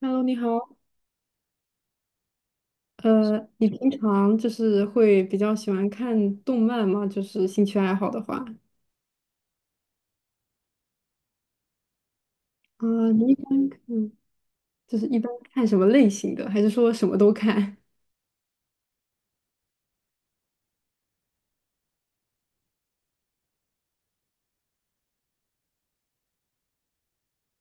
Hello，你好。你平常就是会比较喜欢看动漫吗？就是兴趣爱好的话，啊、你一般看就是一般看什么类型的？还是说什么都看？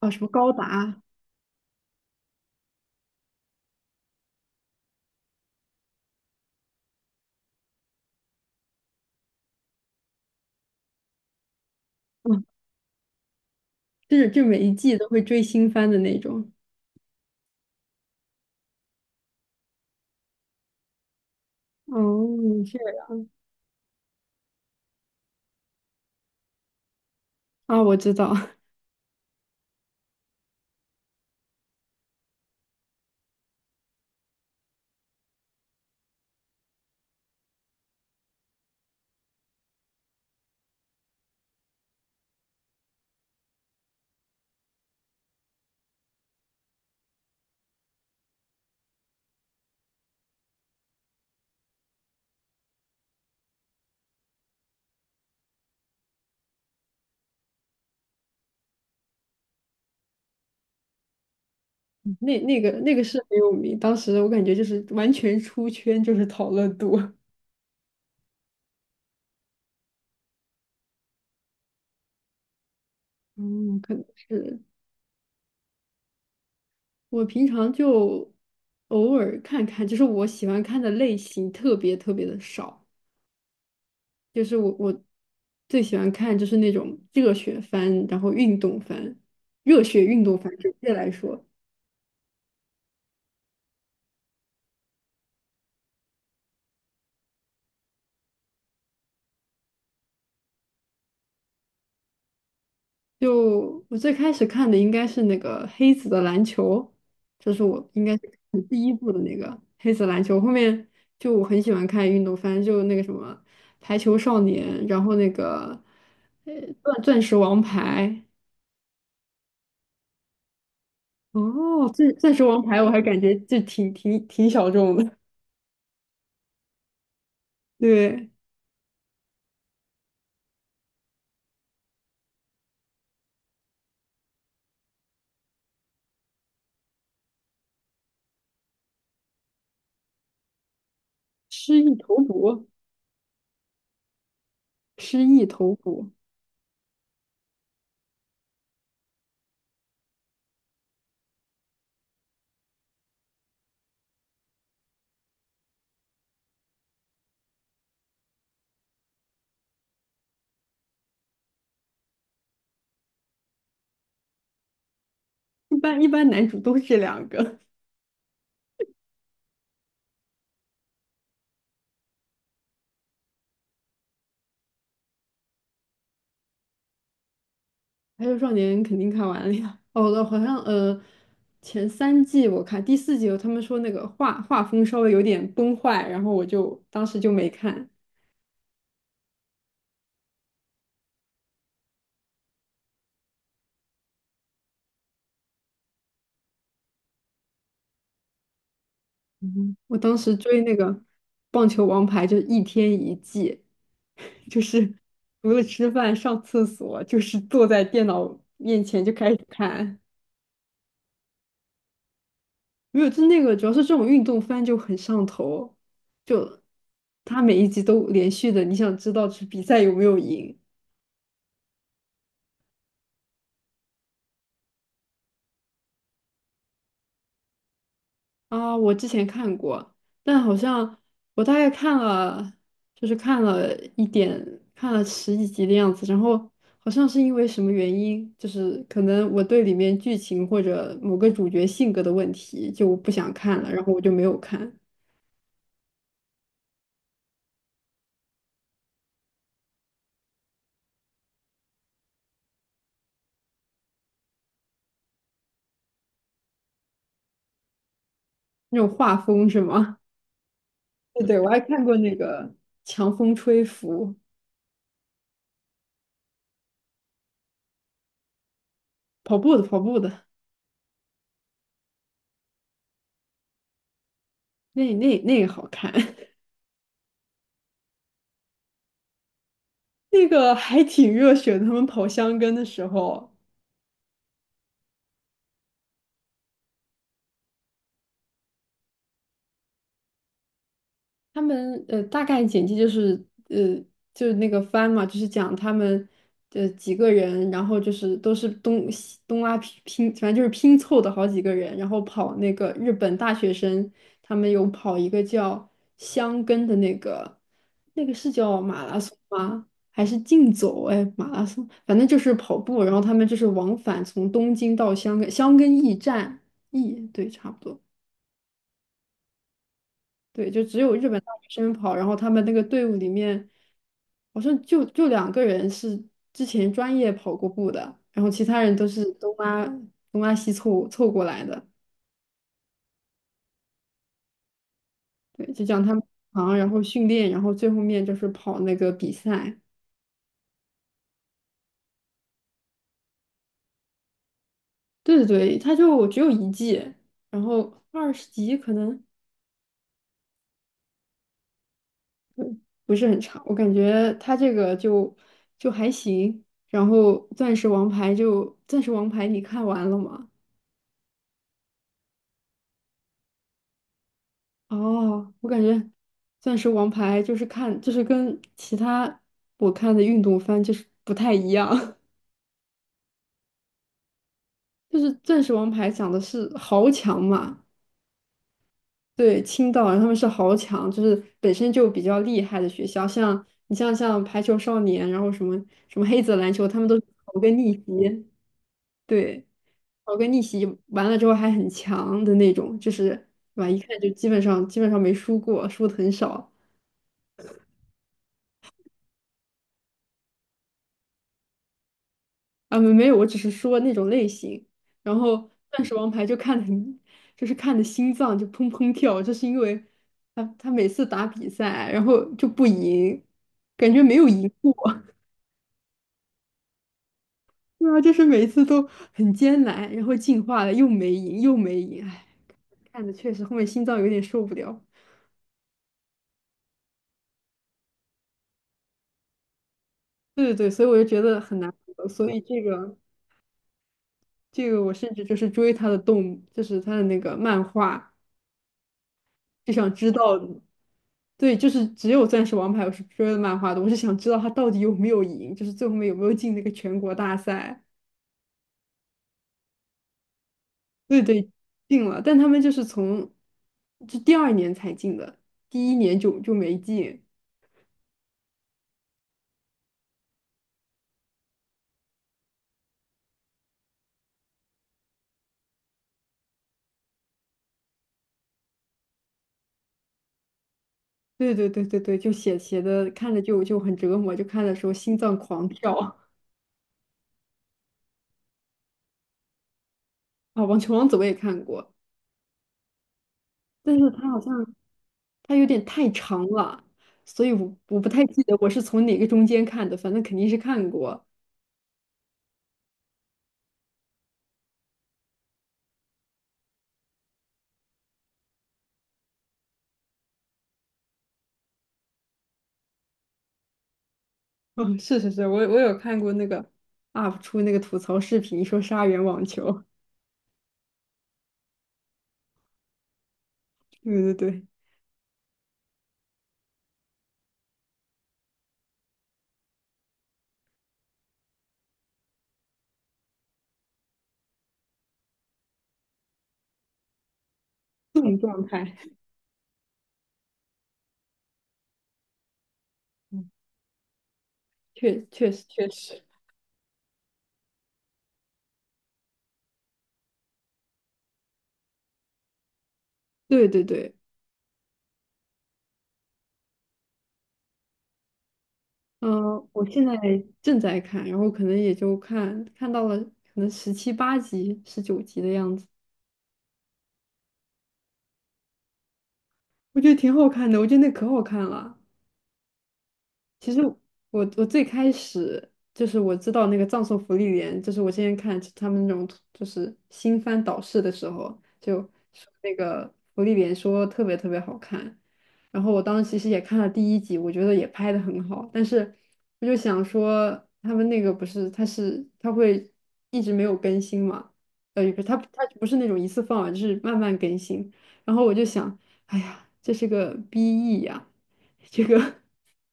啊，什么高达？嗯，就是就每一季都会追新番的那种。哦，是啊，我知道，那个是很有名，当时我感觉就是完全出圈，就是讨论度。嗯，可能是。我平常就偶尔看看，就是我喜欢看的类型特别特别的少。就是我最喜欢看就是那种热血番，然后运动番，热血运动番准确来说，就我最开始看的应该是那个黑子的篮球，这是我应该是看第一部的那个黑子篮球。后面就我很喜欢看运动番，就那个什么排球少年，然后那个呃钻石王牌。哦，钻石王牌我还感觉就挺小众的。对，失忆头骨，失忆头骨，一般男主都是这两个。还有少年肯定看完了呀。哦，我好像前三季我看，第四季有他们说那个画风稍微有点崩坏，然后我就当时就没看。嗯我当时追那个棒球王牌就是一天一季，就是除了吃饭上厕所，就是坐在电脑面前就开始看。没有，就那个主要是这种运动番就很上头，就它每一集都连续的，你想知道这比赛有没有赢。啊？我之前看过，但好像我大概看了，就是看了一点，看了十几集的样子，然后好像是因为什么原因，就是可能我对里面剧情或者某个主角性格的问题就不想看了，然后我就没有看。那种画风是吗？对对，我还看过那个《强风吹拂》。跑步的，跑步的，那那那个好看，那个还挺热血的。他们跑箱根的时候，他们大概简介呃就是那个番嘛，就是讲他们几个人，然后就是都是东西东拉拼拼，反正就是拼凑的好几个人，然后跑那个日本大学生，他们有跑一个叫箱根的那个，那个是叫马拉松吗？还是竞走？哎，马拉松，反正就是跑步，然后他们就是往返从东京到香根，箱根驿站，驿，对，差不多。对，就只有日本大学生跑，然后他们那个队伍里面，好像就就两个人是之前专业跑过步的，然后其他人都是东拉西凑凑过来的。对，就讲他们忙，然后训练，然后最后面就是跑那个比赛。对对对，他就只有一季，然后20集可能不是很长，我感觉他这个就就还行。然后钻石王牌就钻石王牌，你看完了吗？哦，我感觉钻石王牌就是看，就是跟其他我看的运动番就是不太一样，就是钻石王牌讲的是豪强嘛，对，青岛人他们是豪强，就是本身就比较厉害的学校，像你像像排球少年，然后什么黑子篮球，他们都是个逆袭，对，搞个逆袭完了之后还很强的那种，就是对吧？一看就基本上没输过，输的很少。啊，没没有，我只是说那种类型。然后《钻石王牌》就看得很，就是看的心脏就砰砰跳，就是因为他每次打比赛，然后就不赢，感觉没有赢过。对啊，就是每次都很艰难，然后进化了又没赢，又没赢，哎，看的确实后面心脏有点受不了。对对对，所以我就觉得很难得，所以这个我甚至就是追他的就是他的那个漫画，就想知道。对，就是只有《钻石王牌》我是追的漫画的，我是想知道他到底有没有赢，就是最后面有没有进那个全国大赛。对对，进了，但他们就是就第二年才进的，第一年就没进。对对对对对，就写写的看着就很折磨，就看的时候心脏狂跳 啊！《网球王子》我也看过，但是它好像它有点太长了，所以我不太记得我是从哪个中间看的，反正肯定是看过。嗯，是是是，我有看过那个 UP 出那个吐槽视频，说杀人网球，对对对，这种状态，嗯，确实，对对对，嗯、我现在正在看，然后可能也就看到了可能17、18集、19集的样子，我觉得挺好看的，我觉得那可好看了。其实我最开始就是我知道那个葬送福利莲，就是我之前看他们那种就是新番导视的时候，就说那个福利莲说特别特别好看，然后我当时其实也看了第一集，我觉得也拍的很好，但是我就想说他们那个不是它会一直没有更新嘛，也不是它不是那种一次放完，就是慢慢更新，然后我就想，哎呀，这是个 BE 呀。这个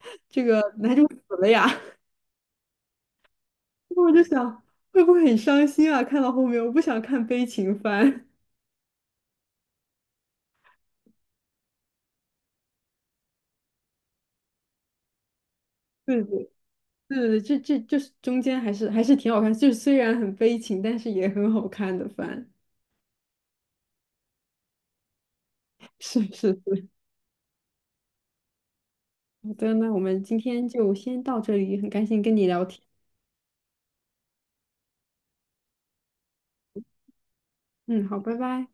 这个男主死了呀，我就想会不会很伤心啊？看到后面我不想看悲情番。对对对对，对，这就是中间还是挺好看，就是虽然很悲情，但是也很好看的番。是是是，好的，那我们今天就先到这里，很开心跟你聊天。嗯，好，拜拜。